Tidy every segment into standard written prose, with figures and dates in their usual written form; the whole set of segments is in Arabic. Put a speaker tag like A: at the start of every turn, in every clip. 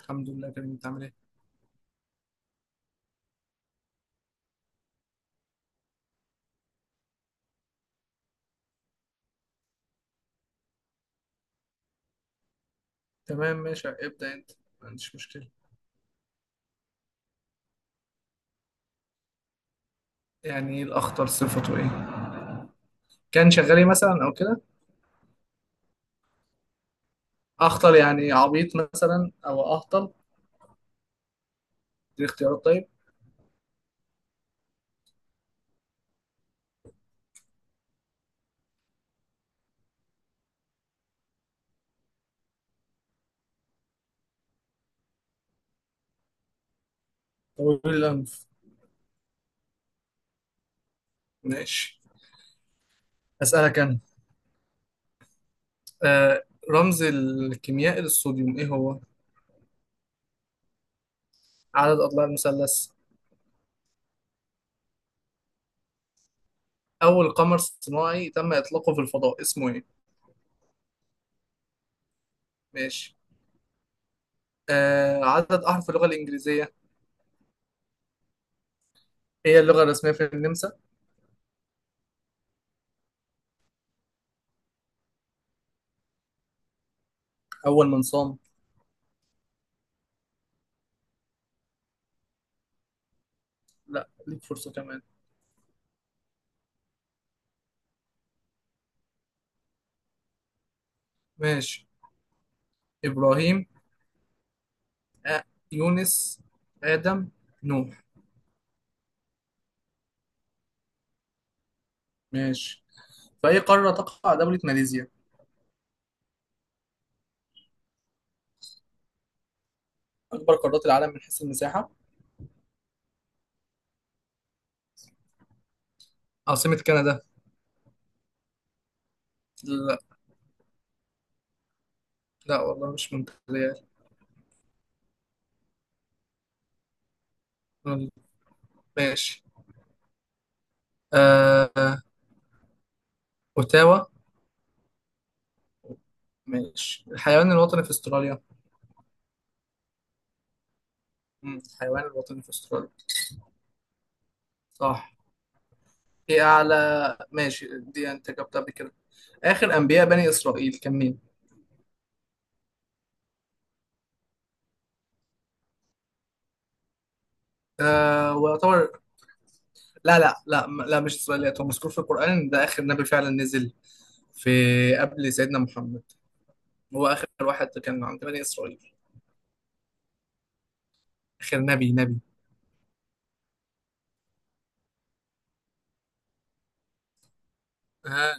A: الحمد لله كريم، انت عامل ايه؟ تمام ماشي، ابدأ انت، ما عنديش مشكلة. يعني ايه الأخطل؟ صفته ايه؟ كان شغال ايه مثلا او كده؟ أخطل يعني عبيط مثلا او أهطل؟ دي اختيارات طيب. طويل الأنف. ماشي. أسألك أنا. آه رمز الكيميائي للصوديوم ايه هو؟ عدد أضلاع المثلث؟ أول قمر صناعي تم إطلاقه في الفضاء اسمه ايه؟ ماشي. عدد أحرف اللغة الإنجليزية؟ هي اللغة الرسمية في النمسا؟ أول من صام؟ لا ليك فرصة كمان. ماشي. إبراهيم، آه، يونس، آدم، نوح. ماشي. في أي قارة تقع دولة ماليزيا؟ أكبر قارات العالم من حيث المساحة؟ عاصمة كندا؟ لا. لا والله مش مونتريال. ماشي. آه... أوتاوا. ماشي، الحيوان الوطني في أستراليا؟ الحيوان الوطني في أستراليا؟ صح. إيه أعلى. ماشي، دي أنت جبتها قبل كده. آخر أنبياء بني إسرائيل كان مين؟ ويعتبر. لا لا لا لا، مش إسرائيليات، هو مذكور في القرآن، ده آخر نبي فعلا نزل في، قبل سيدنا محمد، هو آخر واحد كان عند بني إسرائيل. آخر نبي نبي. ها.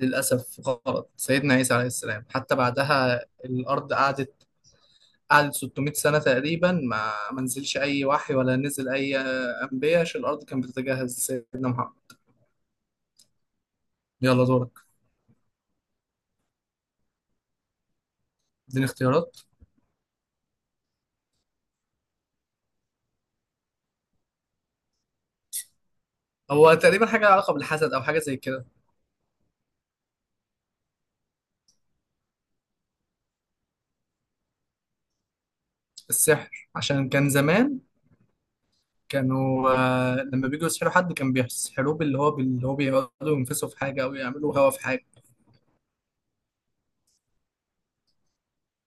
A: للأسف غلط، سيدنا عيسى عليه السلام، حتى بعدها الأرض قعدت 600 سنة تقريبا، ما نزلش أي وحي ولا نزل أي أنبياء، عشان الأرض كانت بتتجهز لسيدنا محمد. يلا دورك. اديني اختيارات. هو تقريبا حاجة لها علاقة بالحسد أو حاجة زي كده. السحر، عشان كان زمان كانوا، لما بيجوا يسحلوا حد كان بيسحلوه باللي هو بيقعدوا ينفسوا في حاجه او يعملوا هوا في حاجه.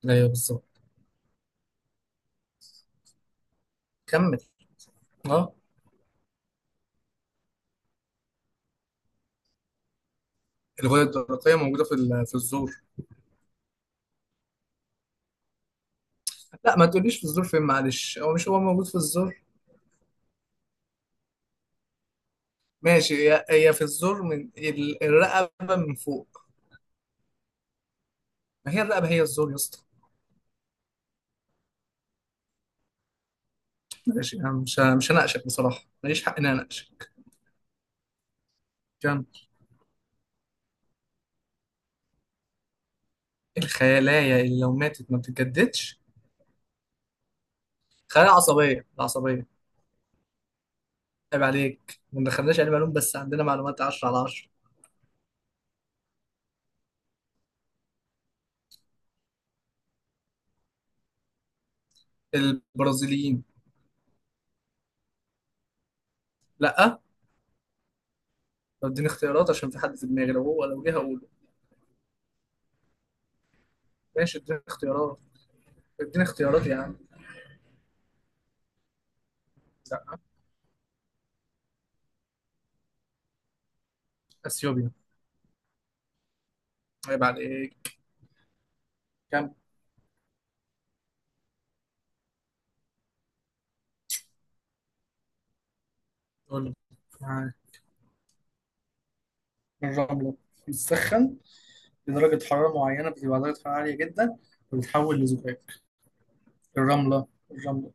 A: ايوه بالظبط. كمل. اه الغده الدرقيه موجوده في الزور. لا ما تقوليش في الزور فين، معلش، هو مش موجود في الزور. ماشي، هي في الزور، الرقبه من فوق. ما هي الرقبه هي الزور يا اسطى. ماشي، انا مش هناقشك بصراحه، ماليش حق ان انا اناقشك. كمل. الخلايا اللي لو ماتت ما بتتجددش؟ خلايا عصبيه، العصبيه. عيب عليك، ما دخلناش علم علوم، بس عندنا معلومات 10 على 10. البرازيليين. لا. طب اديني اختيارات، عشان في حد في دماغي لو هو لو جه هقوله. ماشي، اديني اختيارات. اديني اختيارات يا عم. لا. اثيوبيا. عيب عليك. كم. قول لي. يعني الرملة بتسخن لدرجة حرارة معينة، بتبقى درجة حرارة عالية جدا، وبتتحول لزجاج. الرملة.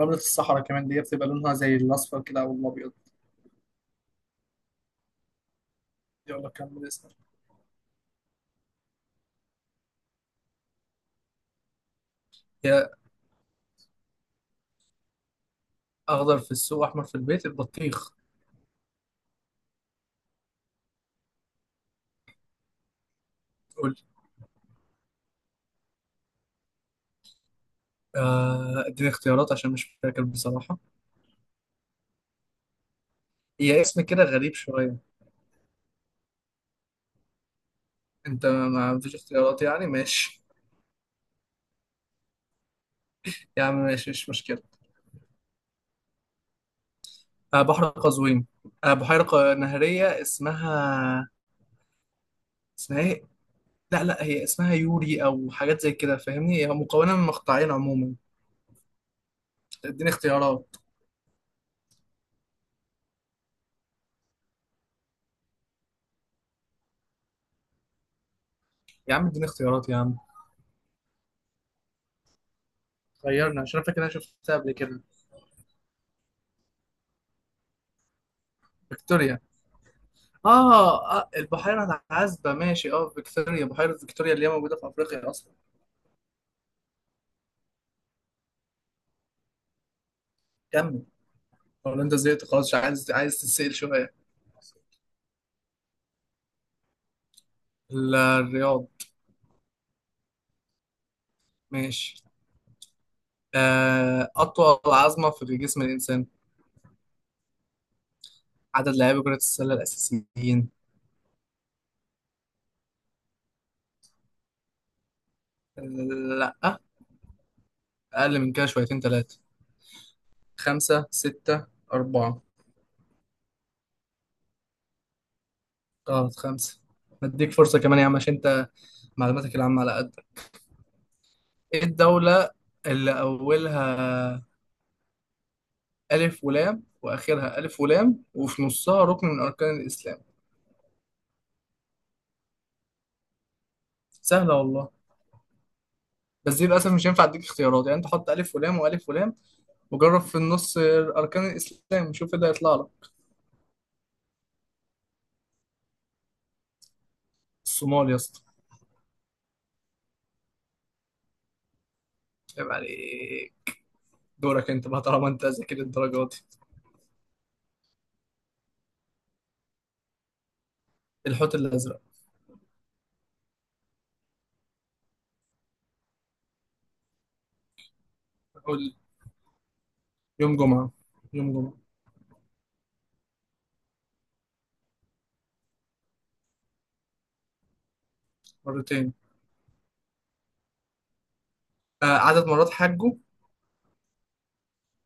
A: رملة الصحراء كمان دي بتبقى لونها زي الأصفر كده أو الأبيض. يلا كمل اسمك. يا اخضر في السوق احمر في البيت، البطيخ. قول لي. اديني اختيارات عشان مش فاكر بصراحة. هي اسم كده غريب شوية. انت ما فيش اختيارات يعني، ماشي. يا عم ماشي مش مشكلة. آه بحر قزوين. نهرية اسمها. اسمها ايه؟ لا هي اسمها يوري او حاجات زي كده فاهمني، هي مكونة من مقطعين عموما. اديني اختيارات يا عم. اديني اختيارات يا عم. غيرنا، عشان أنا فاكر إن انا شفتها قبل كده. فيكتوريا. اه، البحيرة العذبة، ماشي، اه فيكتوريا، بحيرة فيكتوريا اللي هي موجودة في افريقيا اصلا. كمل. ولا انت زهقت خلاص، مش عايز عايز تتسأل شوية؟ الرياض. ماشي. أطول عظمة في جسم الإنسان؟ عدد لاعبي كرة السلة الأساسيين؟ آه، لأ، أقل من كده شويتين تلاتة. خمسة، ستة، أربعة غلط، خمسة. مديك فرصة كمان يا عم، عشان أنت معلوماتك العامة على قد. إيه الدولة اللي أولها ألف ولام، وآخرها ألف ولام، وفي نصها ركن من أركان الإسلام؟ سهلة والله، بس دي للأسف مش هينفع أديك اختيارات، يعني أنت حط ألف ولام وألف ولام، وجرب في النص أركان الإسلام، وشوف إيه اللي هيطلع لك. الصومال يا اسطى. عيب عليك. دورك انت بقى طالما انت ذاكر الدرجات دي. الحوت الازرق. قول لي. يوم جمعه. يوم جمعه. مرتين. آه عدد مرات حجه.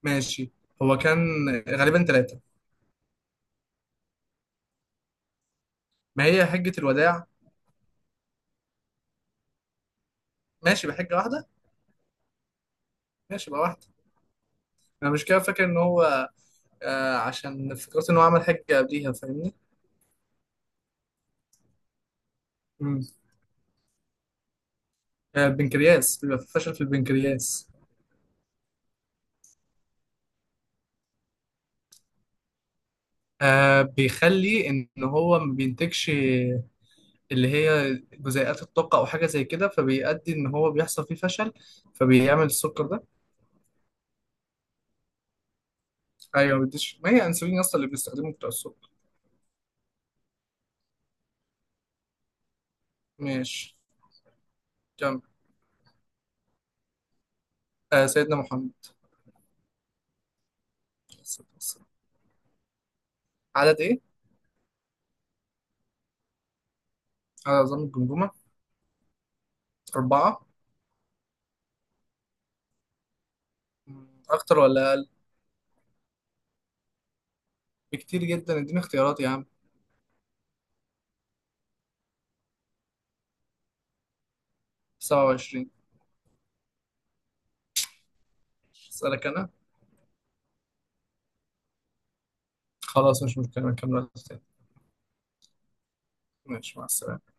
A: ماشي، هو كان غالبا ثلاثه. ما هي حجه الوداع. ماشي، بحجه واحده. ماشي، بقى واحده. انا مش كده فاكر ان هو، عشان فكرت ان هو عمل حجه قبليها فاهمني. مم. آه البنكرياس، بيبقى في فشل في البنكرياس. آه بيخلي ان هو ما بينتجش اللي هي جزيئات الطاقة أو حاجة زي كده، فبيؤدي إن هو بيحصل فيه فشل، فبيعمل السكر ده. أيوه، ما بديش، ما هي أنسولين أصلا اللي بنستخدمه بتاع السكر. ماشي. كمل. آه سيدنا محمد عليه الصلاة والسلام. عدد إيه؟ عدد عظام الجمجمة. أربعة. أكتر ولا أقل؟ بكتير جدا، إديني اختيارات يا عم. سبعة وعشرين. أسألك أنا. خلاص مش مشكلة، نكمل وقت تاني. ماشي مع السلامة.